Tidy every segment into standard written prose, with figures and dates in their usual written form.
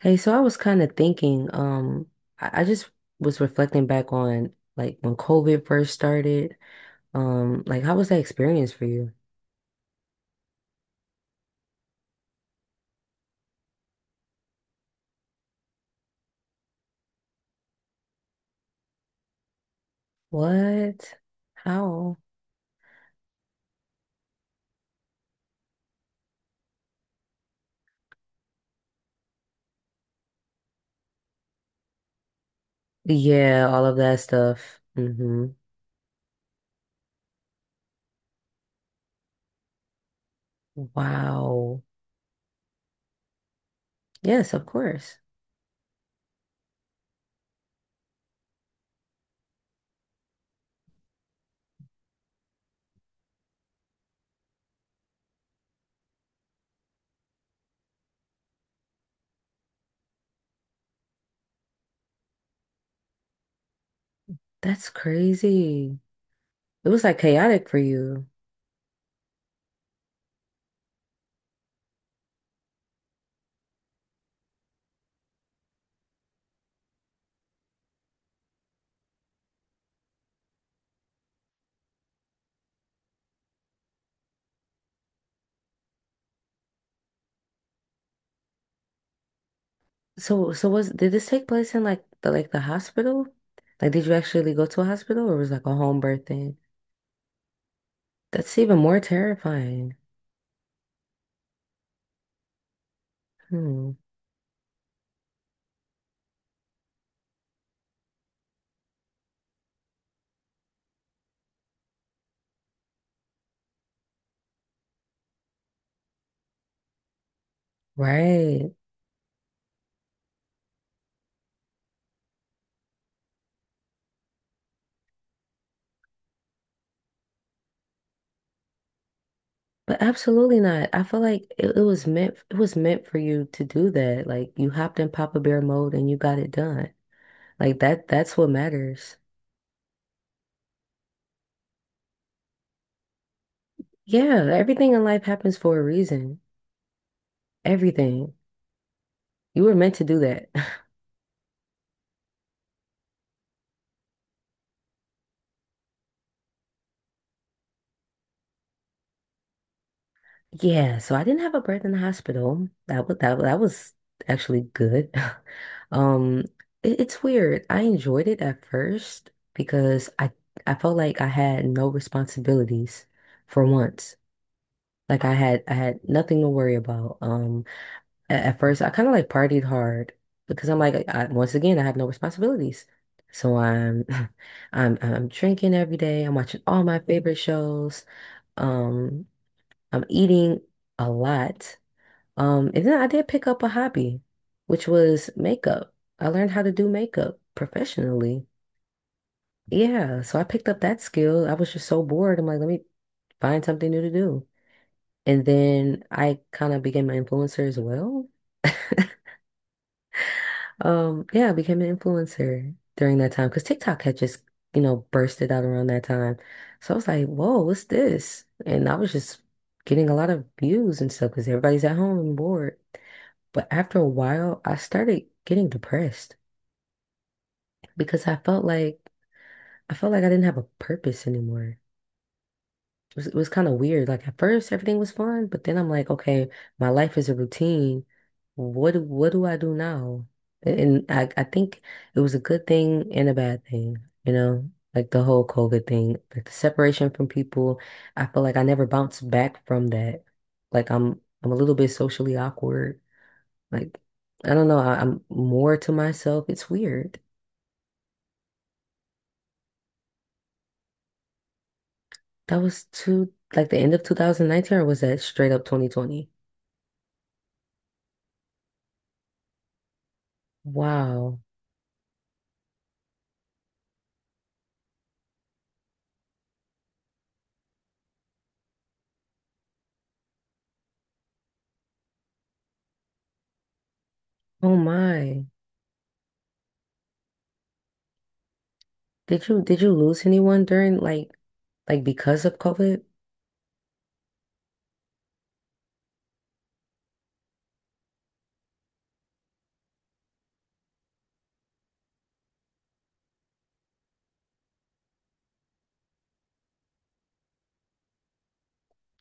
Hey, so I was kind of thinking, I just was reflecting back on like when COVID first started. Like how was that experience for you? What? How? Yeah, all of that stuff. Wow. Yes, of course. That's crazy. It was like chaotic for you. So was did this take place in like the hospital? Like, did you actually go to a hospital, or was it like a home birth thing? That's even more terrifying. Hmm. Right. But absolutely not. I feel like it was meant for you to do that. Like you hopped in Papa Bear mode and you got it done. Like that's what matters. Yeah, everything in life happens for a reason. Everything. You were meant to do that. Yeah, so I didn't have a birth in the hospital. That was that was actually good. Um it's weird. I enjoyed it at first because I felt like I had no responsibilities for once. Like I had nothing to worry about. First I kind of like partied hard because I'm like once again I have no responsibilities. So I'm I'm drinking every day. I'm watching all my favorite shows. Um, I'm eating a lot. And then I did pick up a hobby, which was makeup. I learned how to do makeup professionally. Yeah, so I picked up that skill. I was just so bored. I'm like, let me find something new to do. And then I kind of became an influencer as well. Yeah, I became an influencer during that time because TikTok had just, you know, bursted out around that time. So I was like, whoa, what's this? And I was just getting a lot of views and stuff because everybody's at home and bored. But after a while, I started getting depressed because I felt like I didn't have a purpose anymore. It was kind of weird. Like at first everything was fun, but then I'm like, okay, my life is a routine. What do I do now? And I think it was a good thing and a bad thing, you know, like the whole COVID thing, like the separation from people. I feel like I never bounced back from that. Like I'm a little bit socially awkward. Like I don't know, I'm more to myself. It's weird. That was two like the end of 2019 or was that straight up 2020? Wow. Oh my. Did you lose anyone during like because of COVID?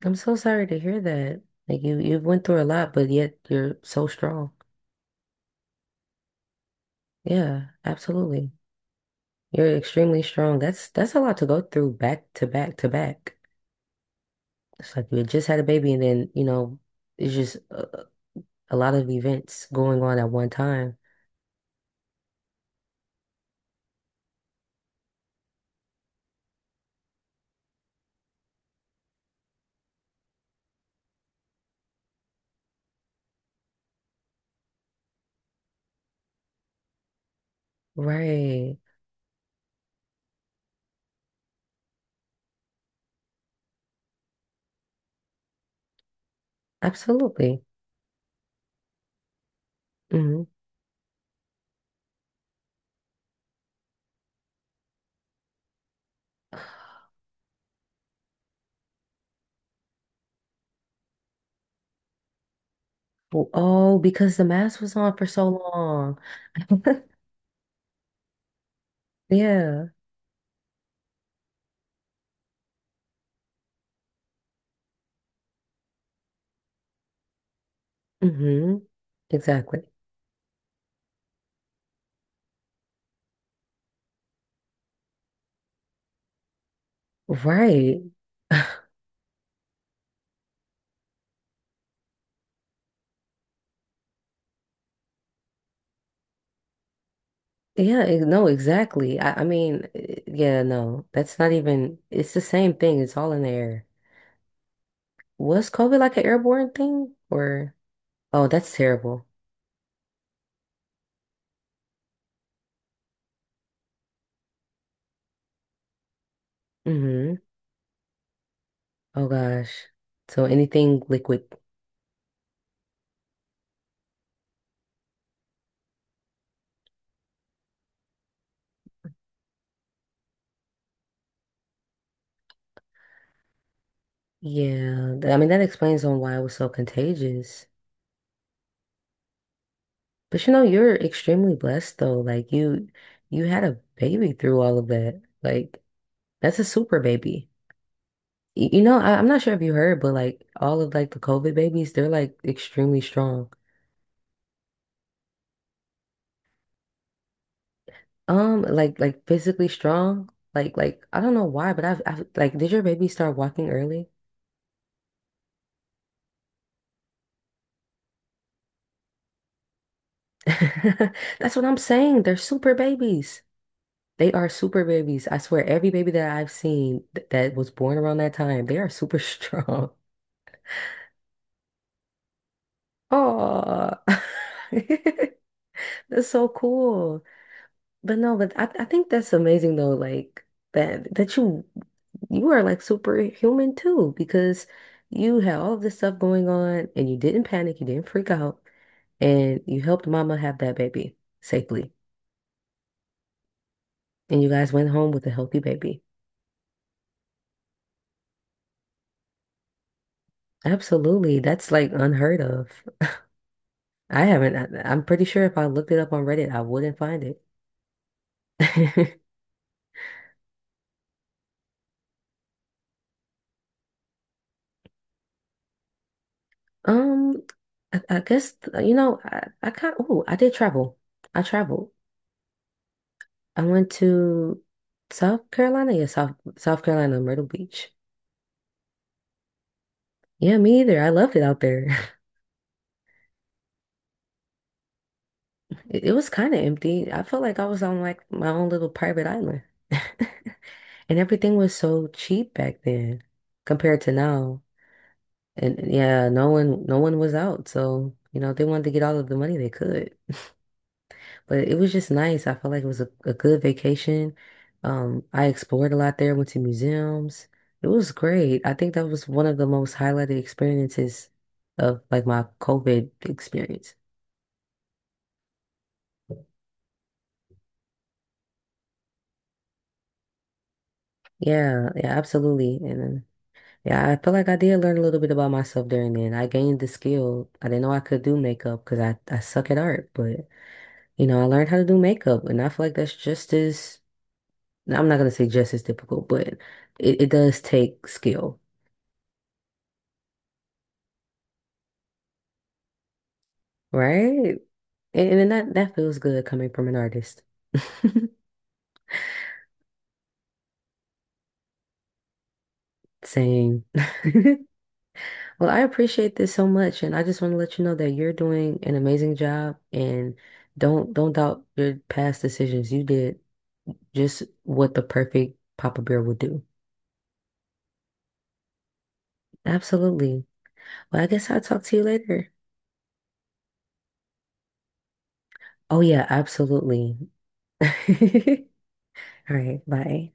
I'm so sorry to hear that. Like you went through a lot, but yet you're so strong. Yeah, absolutely. You're extremely strong. That's a lot to go through back to back to back. It's like you had just had a baby and then, you know, it's just a lot of events going on at one time. Right. Absolutely. hmm Well, oh, because the mask was on for so long. Yeah. hmm Exactly. Right. Yeah, no, exactly. I mean, yeah, no, that's not even, it's the same thing. It's all in the air. Was COVID like an airborne thing? Or, oh, that's terrible. hmm Oh gosh. So anything liquid. Yeah, I mean, that explains on why it was so contagious. But you know, you're extremely blessed though. You had a baby through all of that. Like that's a super baby. You know, I'm not sure if you heard, but like all of like the COVID babies, they're like extremely strong. Like physically strong. Like I don't know why, but I've did your baby start walking early? That's what I'm saying. They're super babies. They are super babies. I swear, every baby that I've seen th that was born around that time, they are super strong. Oh, that's so cool. But no, but I think that's amazing though, like that that you are like superhuman too, because you had all of this stuff going on and you didn't panic, you didn't freak out, and you helped mama have that baby safely. And you guys went home with a healthy baby. Absolutely. That's like unheard of. I'm pretty sure if I looked it up on Reddit, I wouldn't find it. Um, I guess, you know, I kind of, oh, I did travel. I traveled. I went to South Carolina, yeah, South Carolina, Myrtle Beach. Yeah, me either. I loved it out there. It was kind of empty. I felt like I was on like my own little private island. And everything was so cheap back then compared to now. And yeah, no one was out, so you know, they wanted to get all of the money they could. But it was just nice. I felt like it was a good vacation. I explored a lot there, went to museums. It was great. I think that was one of the most highlighted experiences of like my COVID experience. Yeah, yeah, absolutely. And then, yeah, I feel like I did learn a little bit about myself during then. I gained the skill. I didn't know I could do makeup because I suck at art, but you know, I learned how to do makeup and I feel like I'm not gonna say just as difficult, but it does take skill, right? And, and that feels good coming from an artist. Same. Well, I appreciate this so much, and I just want to let you know that you're doing an amazing job, and don't doubt your past decisions. You did just what the perfect Papa Bear would do. Absolutely. Well, I guess I'll talk to you later. Oh yeah, absolutely. All right, bye.